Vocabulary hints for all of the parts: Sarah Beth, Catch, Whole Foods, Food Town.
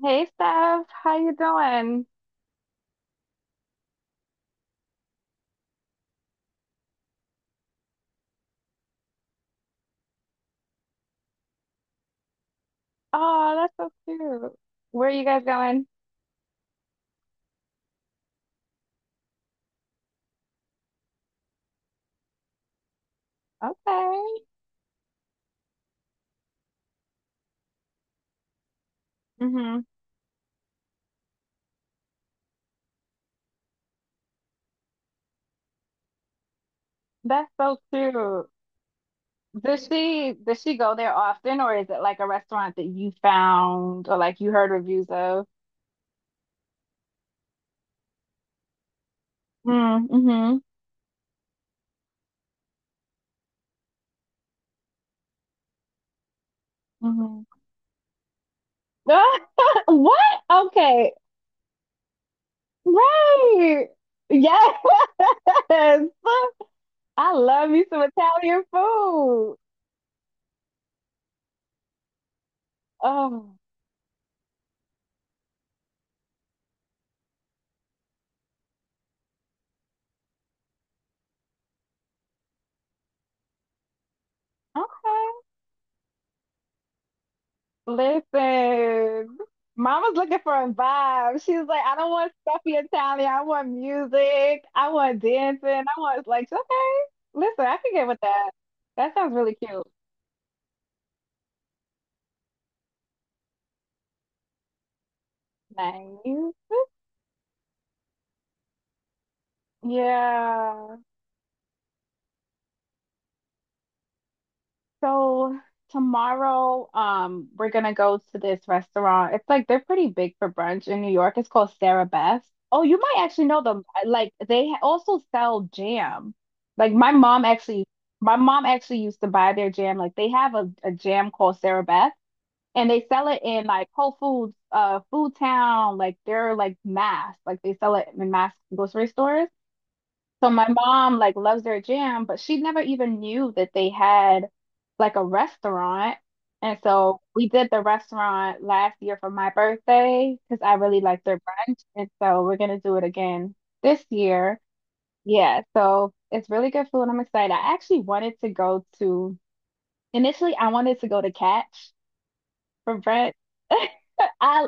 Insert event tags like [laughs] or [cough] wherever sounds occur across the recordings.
Hey Steph, how you doing? Oh, that's so cute. Where are you guys going? Okay. Hmm. That's so cute. Does she go there often, or is it like a restaurant that you found or like you heard reviews of? Mm-hmm. Mm-hmm. [laughs] What? Okay. Right. Yes. [laughs] I love me some Italian food. Oh, okay. Listen, Mama's looking for a vibe. She's like, I don't want stuffy Italian. I want music. I want dancing. I want like, okay, listen, I can get with that. That sounds really cute. Nice. Yeah. So tomorrow, we're gonna go to this restaurant. It's like they're pretty big for brunch in New York. It's called Sarah Beth's. Oh, you might actually know them. Like also sell jam. Like my mom actually, my mom actually used to buy their jam. Like they have a jam called Sarah Beth, and they sell it in like Whole Foods, Food Town. Like they're like mass. Like they sell it in mass grocery stores. So my mom like loves their gym, but she never even knew that they had like a restaurant. And so we did the restaurant last year for my birthday because I really like their brunch. And so we're gonna do it again this year. Yeah, so it's really good food. I'm excited. I actually wanted to go to Initially I wanted to go to Catch for brunch. [laughs] I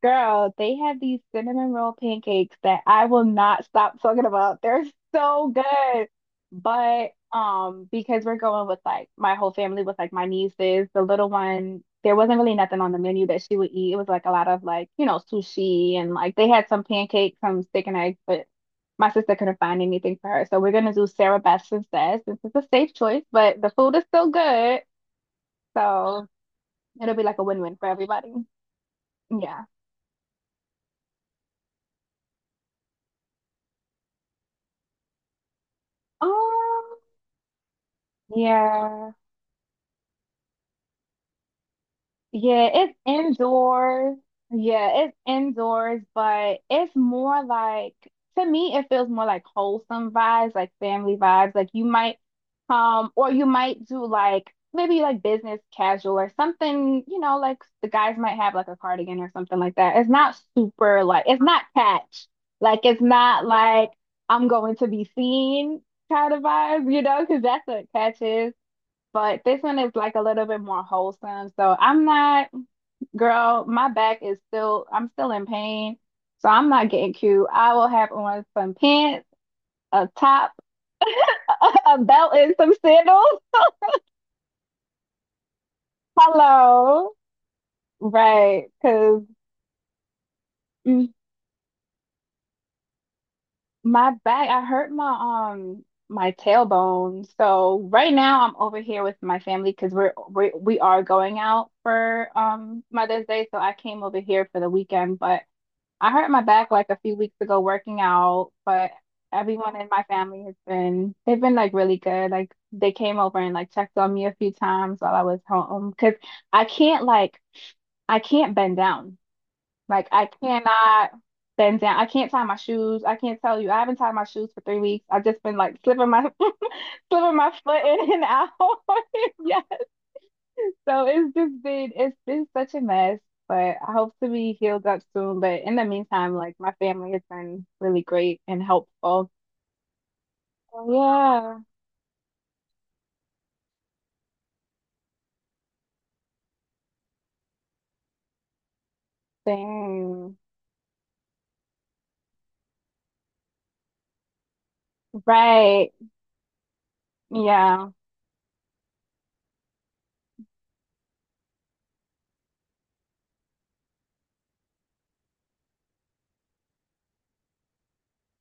Girl, they have these cinnamon roll pancakes that I will not stop talking about. They're so good. But because we're going with like my whole family with like my nieces, the little one, there wasn't really nothing on the menu that she would eat. It was like a lot of like, sushi, and like they had some pancakes, some steak and eggs, but my sister couldn't find anything for her. So we're gonna do Sarah Best instead, since it's a safe choice, but the food is still good. So it'll be like a win-win for everybody. Yeah. Um. Yeah. Yeah, it's indoors. Yeah, it's indoors, but it's more like, to me it feels more like wholesome vibes, like family vibes. Like you might or you might do like maybe like business casual or something, like the guys might have like a cardigan or something like that. It's not super like, it's not catch. Like it's not like I'm going to be seen kind of vibes, because that's what catch is. But this one is like a little bit more wholesome. So I'm not, girl, my back is still, I'm still in pain. So I'm not getting cute. I will have on some pants, a top, [laughs] a belt, and some sandals. [laughs] Hello. Right. Because my back, I hurt my, my tailbone. So right now I'm over here with my family because we are going out for Mother's Day. So I came over here for the weekend, but I hurt my back like a few weeks ago working out, but everyone in my family has been, they've been like really good. Like they came over and like checked on me a few times while I was home because I can't like, I can't bend down. Like I cannot bend down. I can't tie my shoes. I can't tell you. I haven't tied my shoes for 3 weeks. I've just been like slipping my, [laughs] slipping my foot in and out. [laughs] Yeah. So it's been such a mess, but I hope to be healed up soon. But in the meantime, like my family has been really great and helpful. Yeah, same. Right. Yeah.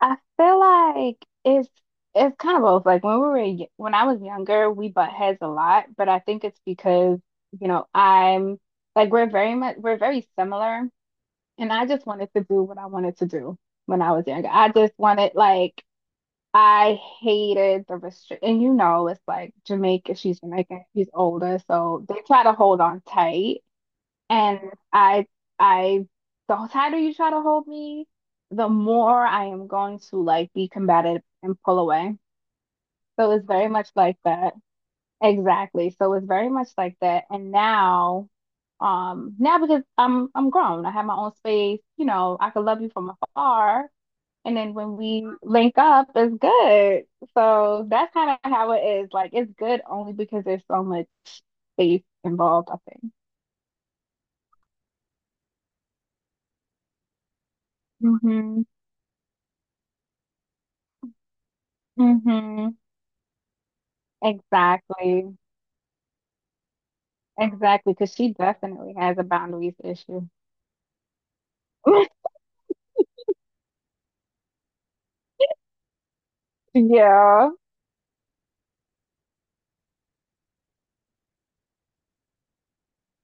I feel like it's kind of both. Like when we were when I was younger, we butt heads a lot, but I think it's because, you know, I'm like we're very much, we're very similar, and I just wanted to do what I wanted to do when I was younger. I just wanted like, I hated the restrict, and you know, it's like Jamaica, she's Jamaican, she's older, so they try to hold on tight. And I, I, the tighter you try to hold me, the more I am going to like be combative and pull away. So it's very much like that. Exactly. So it's very much like that. And now, now because I'm grown, I have my own space, you know, I could love you from afar, and then when we link up, it's good. So that's kind of how it is. Like it's good only because there's so much space involved, I think. Hmm. Hmm. Exactly. Exactly. Because she definitely has a boundaries issue. [laughs] Yeah.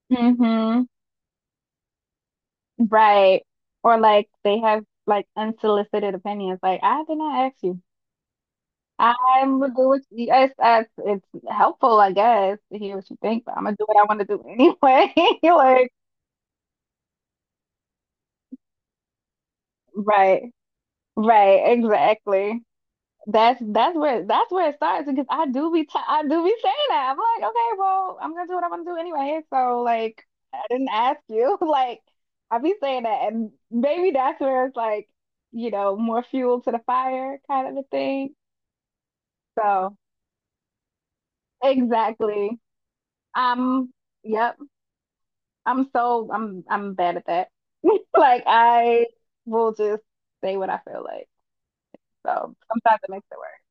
Hmm. Right. Or like they have like unsolicited opinions. Like I did not ask you. I'm gonna do what yes, that's, it's helpful, I guess, to hear what you think, but I'm gonna do what I want to do anyway. [laughs] Like, right, right, exactly. That's where that's where it starts because I do be saying that. I'm like, okay, well, I'm gonna do what I want to do anyway. So like, I didn't ask you. [laughs] Like, I be saying that, and maybe that's where it's like, you know, more fuel to the fire kind of a thing. So exactly. Um. Yep. I'm so I'm bad at that. [laughs] Like I will just say what I feel like. So sometimes it makes it work.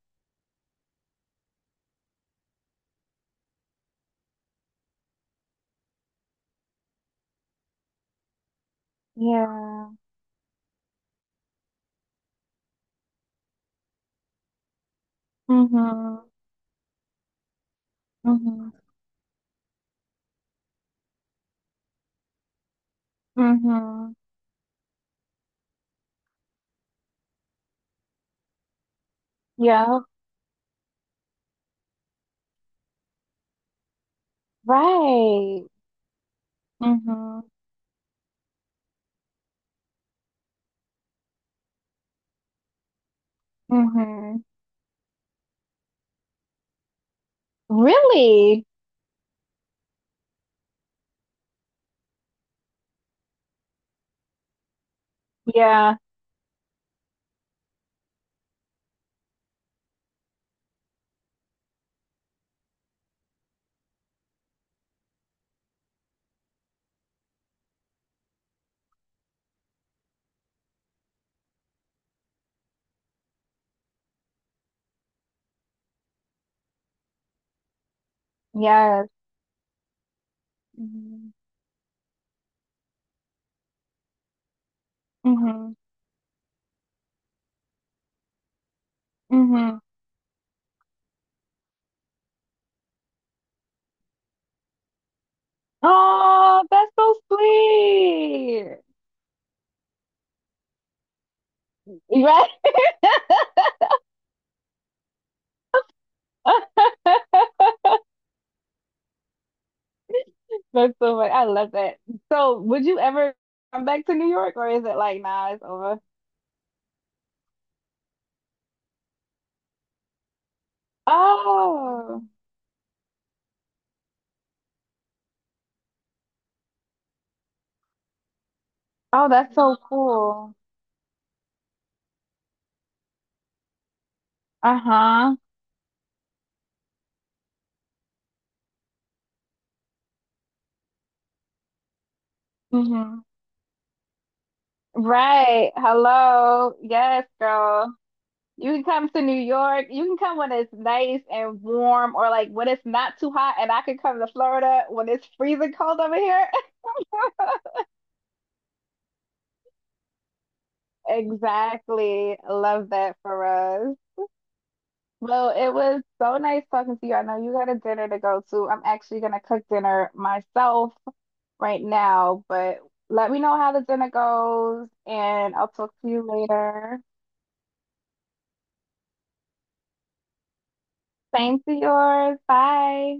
Yeah. Mhm. Mhm. Mhm. Yeah. Right. Mhm. Mhm. Really? Yeah. Yes. Mhm. Mhm. Mhm. Oh, that's so sweet. Right? [laughs] That's so funny. I love that. So, would you ever come back to New York, or is it like, nah, it's over? Oh, oh, that's so [laughs] cool. Uh-huh. Hmm. Right. Hello. Yes, girl. You can come to New York. You can come when it's nice and warm, or like when it's not too hot, and I can come to Florida when it's freezing cold over here. [laughs] Exactly. Love that for us. Well, it was so nice talking to you. I know you got a dinner to go to. I'm actually gonna cook dinner myself right now, but let me know how the dinner goes and I'll talk to you later. Same to yours. Bye.